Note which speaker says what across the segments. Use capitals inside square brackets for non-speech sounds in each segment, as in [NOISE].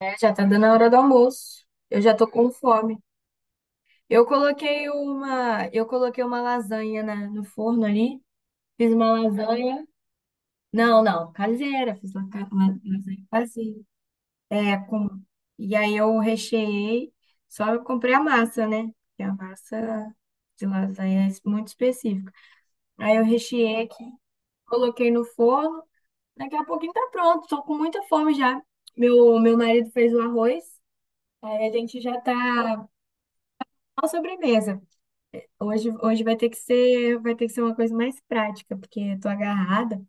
Speaker 1: É, já tá dando a hora do almoço. Eu já tô com fome. Eu coloquei uma lasanha no forno ali. Fiz uma lasanha. Não, não, caseira. Fiz uma uma lasanha caseira. É, com, e aí eu recheei. Só eu comprei a massa, né? Que a massa de lasanha é muito específica. Aí eu recheei aqui, coloquei no forno. Daqui a pouquinho tá pronto. Tô com muita fome já. Meu marido fez o arroz. Aí a gente já tá A sobremesa. Hoje vai ter que ser, vai ter que ser uma coisa mais prática, porque eu tô agarrada.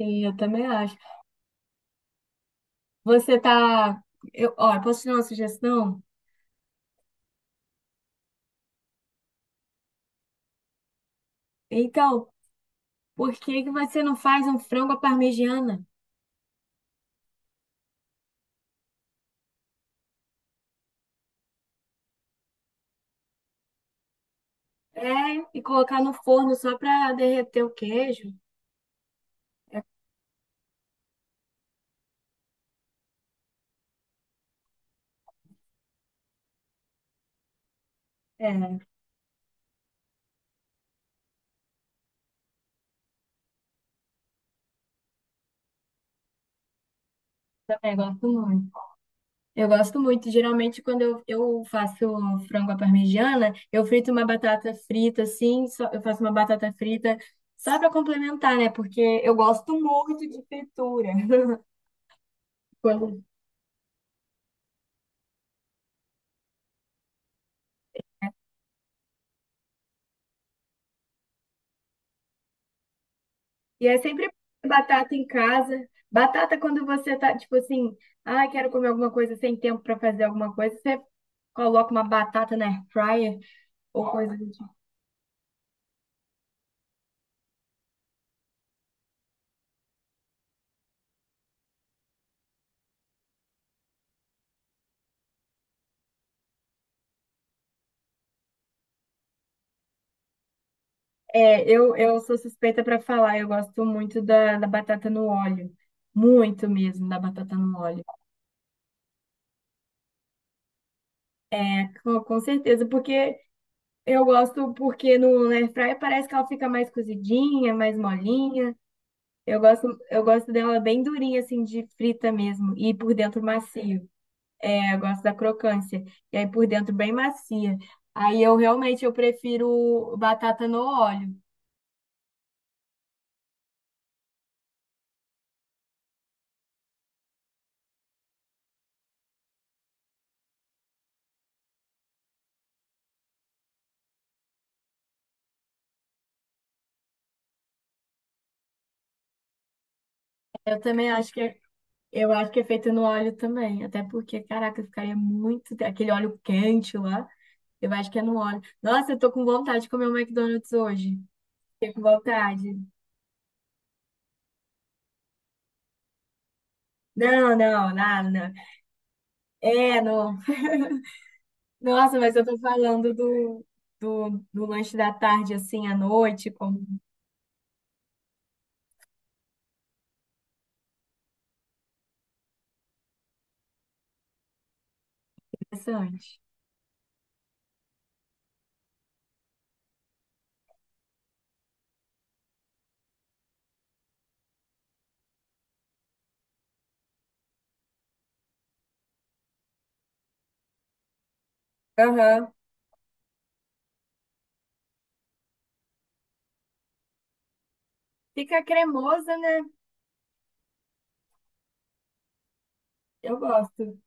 Speaker 1: E eu também acho. Você tá. Eu, ó, posso te dar uma sugestão? Então, por que que você não faz um frango à parmegiana? É, e colocar no forno só pra derreter o queijo? É, também gosto muito. Eu gosto muito. Geralmente, quando eu faço frango à parmegiana, eu frito uma batata frita, assim, eu faço uma batata frita só para complementar, né? Porque eu gosto muito de fritura. [LAUGHS] Quando- E é sempre batata em casa. Batata quando você tá, tipo assim, ah, quero comer alguma coisa sem tempo para fazer alguma coisa, você coloca uma batata na air fryer ou coisa. É, eu sou suspeita para falar, eu gosto muito da batata no óleo. Muito mesmo da batata no óleo. É, com certeza, porque eu gosto porque no air fryer parece que ela fica mais cozidinha, mais molinha. Eu gosto dela bem durinha, assim, de frita mesmo, e por dentro macio. É, eu gosto da crocância, e aí por dentro bem macia. Aí eu realmente eu prefiro batata no óleo. Eu também acho que eu acho que é feito no óleo também, até porque, caraca, ficaria muito. Aquele óleo quente lá, eu acho que é no óleo. Nossa, eu tô com vontade de comer um McDonald's hoje. Fiquei com vontade. Não, não, nada. Não. É, não. Nossa, mas eu tô falando do lanche da tarde, assim, à noite, como interessante. Aham. Fica cremosa, né? Eu gosto.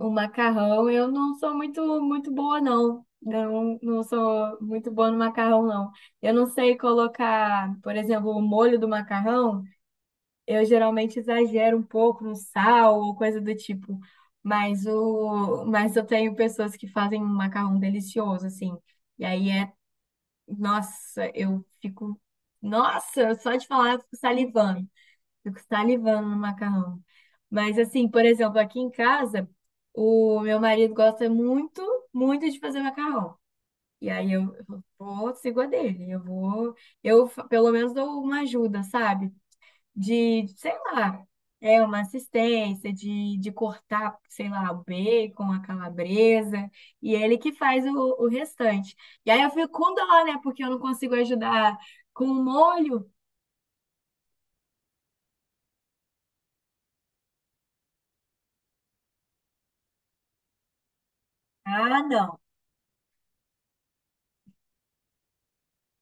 Speaker 1: O macarrão, eu não sou muito boa, não. Não, não sou muito boa no macarrão, não. Eu não sei colocar, por exemplo, o molho do macarrão. Eu geralmente exagero um pouco no sal ou coisa do tipo. Mas eu tenho pessoas que fazem um macarrão delicioso, assim. E aí é, nossa, eu fico, nossa, só de falar, eu fico salivando. Fico salivando no macarrão. Mas assim, por exemplo, aqui em casa, o meu marido gosta muito de fazer macarrão. E aí eu vou, sigo a dele. Eu vou, pelo menos dou uma ajuda, sabe? De, sei lá, É uma assistência, de cortar, sei lá, o bacon, a calabresa. E ele que faz o restante. E aí eu fico com dó, né? Porque eu não consigo ajudar com o molho. Ah, não.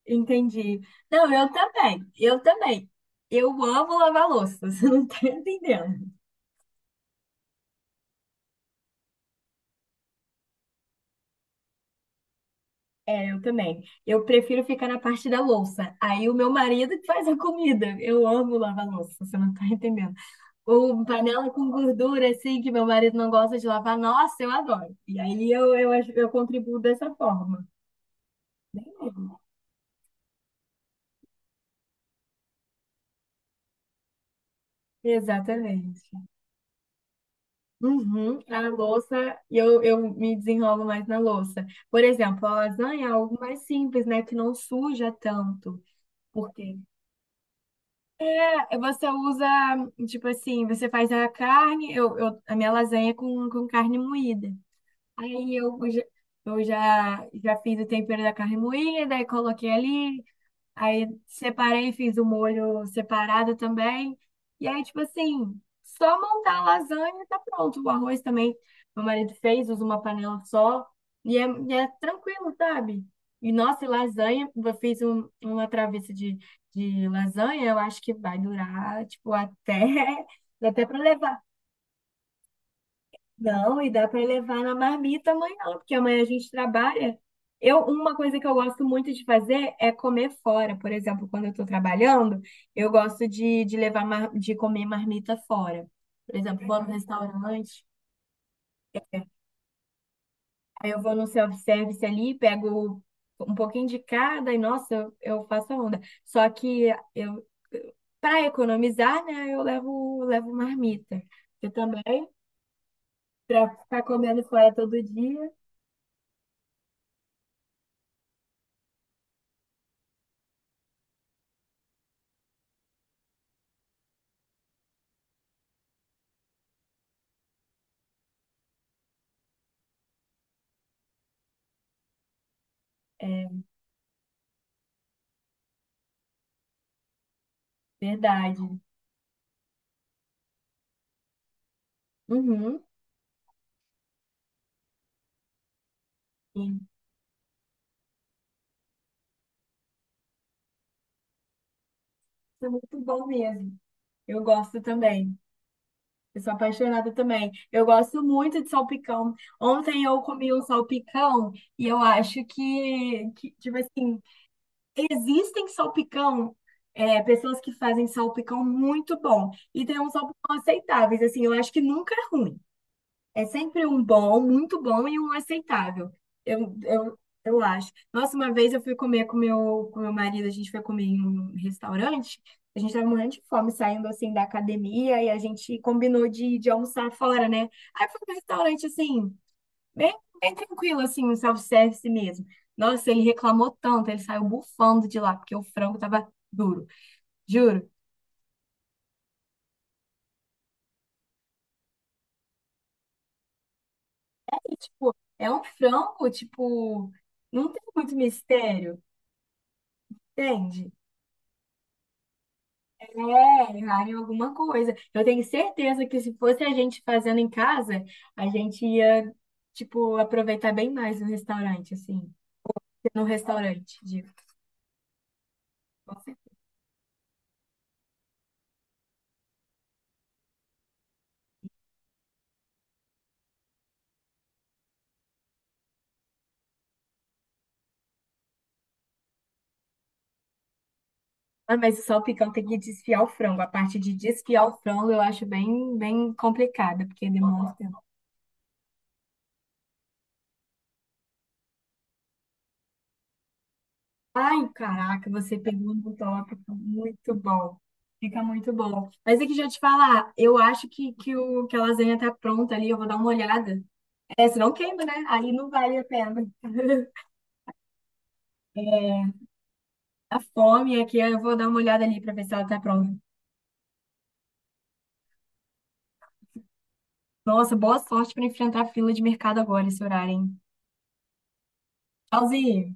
Speaker 1: Entendi. Não, eu também. Eu também. Eu amo lavar louça, [LAUGHS] você não tá entendendo. É, eu também. Eu prefiro ficar na parte da louça. Aí o meu marido que faz a comida. Eu amo lavar louça, você não tá entendendo. Ou panela com gordura, assim, que meu marido não gosta de lavar. Nossa, eu adoro. E aí eu contribuo dessa forma. Exatamente. Uhum, a louça, e eu me desenrolo mais na louça. Por exemplo, a lasanha é algo mais simples, né? Que não suja tanto. Porque é, você usa, tipo assim, você faz a carne, a minha lasanha é com carne moída. Aí eu já, já fiz o tempero da carne moída, aí coloquei ali, aí separei, fiz o molho separado também. E aí, tipo assim, só montar a lasanha e tá pronto. O arroz também, meu marido fez, usa uma panela só. E é tranquilo, sabe? E nossa, e lasanha, eu fiz uma travessa de lasanha, eu acho que vai durar, tipo, até, [LAUGHS] até para levar. Não, e dá para levar na marmita amanhã, porque amanhã a gente trabalha. Eu, uma coisa que eu gosto muito de fazer é comer fora. Por exemplo, quando eu estou trabalhando, eu gosto de levar de comer marmita fora. Por exemplo, vou no restaurante, aí eu vou no self-service ali, pego um pouquinho de cada e, nossa, eu faço a onda. Só que eu, para economizar, né, eu levo, levo marmita. Eu também, para ficar comendo fora todo dia, é verdade. Uhum. Sim, isso é muito bom mesmo. Eu gosto também. Eu sou apaixonada também. Eu gosto muito de salpicão. Ontem eu comi um salpicão e eu acho que tipo assim, existem salpicão, é, pessoas que fazem salpicão muito bom. E tem uns salpicão aceitáveis, assim, eu acho que nunca é ruim. É sempre um bom, muito bom e um aceitável. Eu, eu, eu acho. Nossa, uma vez eu fui comer com com meu marido, a gente foi comer em um restaurante, a gente tava morrendo de fome saindo assim da academia e a gente combinou de almoçar fora, né? Aí foi um restaurante assim, bem tranquilo, assim, um self-service mesmo. Nossa, ele reclamou tanto, ele saiu bufando de lá, porque o frango tava duro, juro. E, tipo, é um frango, tipo, não tem muito mistério, entende? É, errar em alguma coisa. Eu tenho certeza que se fosse a gente fazendo em casa, a gente ia, tipo, aproveitar bem mais no restaurante, assim. No restaurante, digo. Com certeza. Ah, mas o salpicão tem que desfiar o frango. A parte de desfiar o frango eu acho bem complicada, porque demora um tempo. Ai, caraca, você pegou um tópico muito bom. Fica muito bom. Mas é que já te falar, eu acho que a lasanha tá pronta ali, eu vou dar uma olhada. É, senão queima, né? Aí não vale a pena. [LAUGHS] A fome aqui, eu vou dar uma olhada ali pra ver se ela tá pronta. Nossa, boa sorte pra enfrentar a fila de mercado agora, esse horário, hein? Tchauzinho!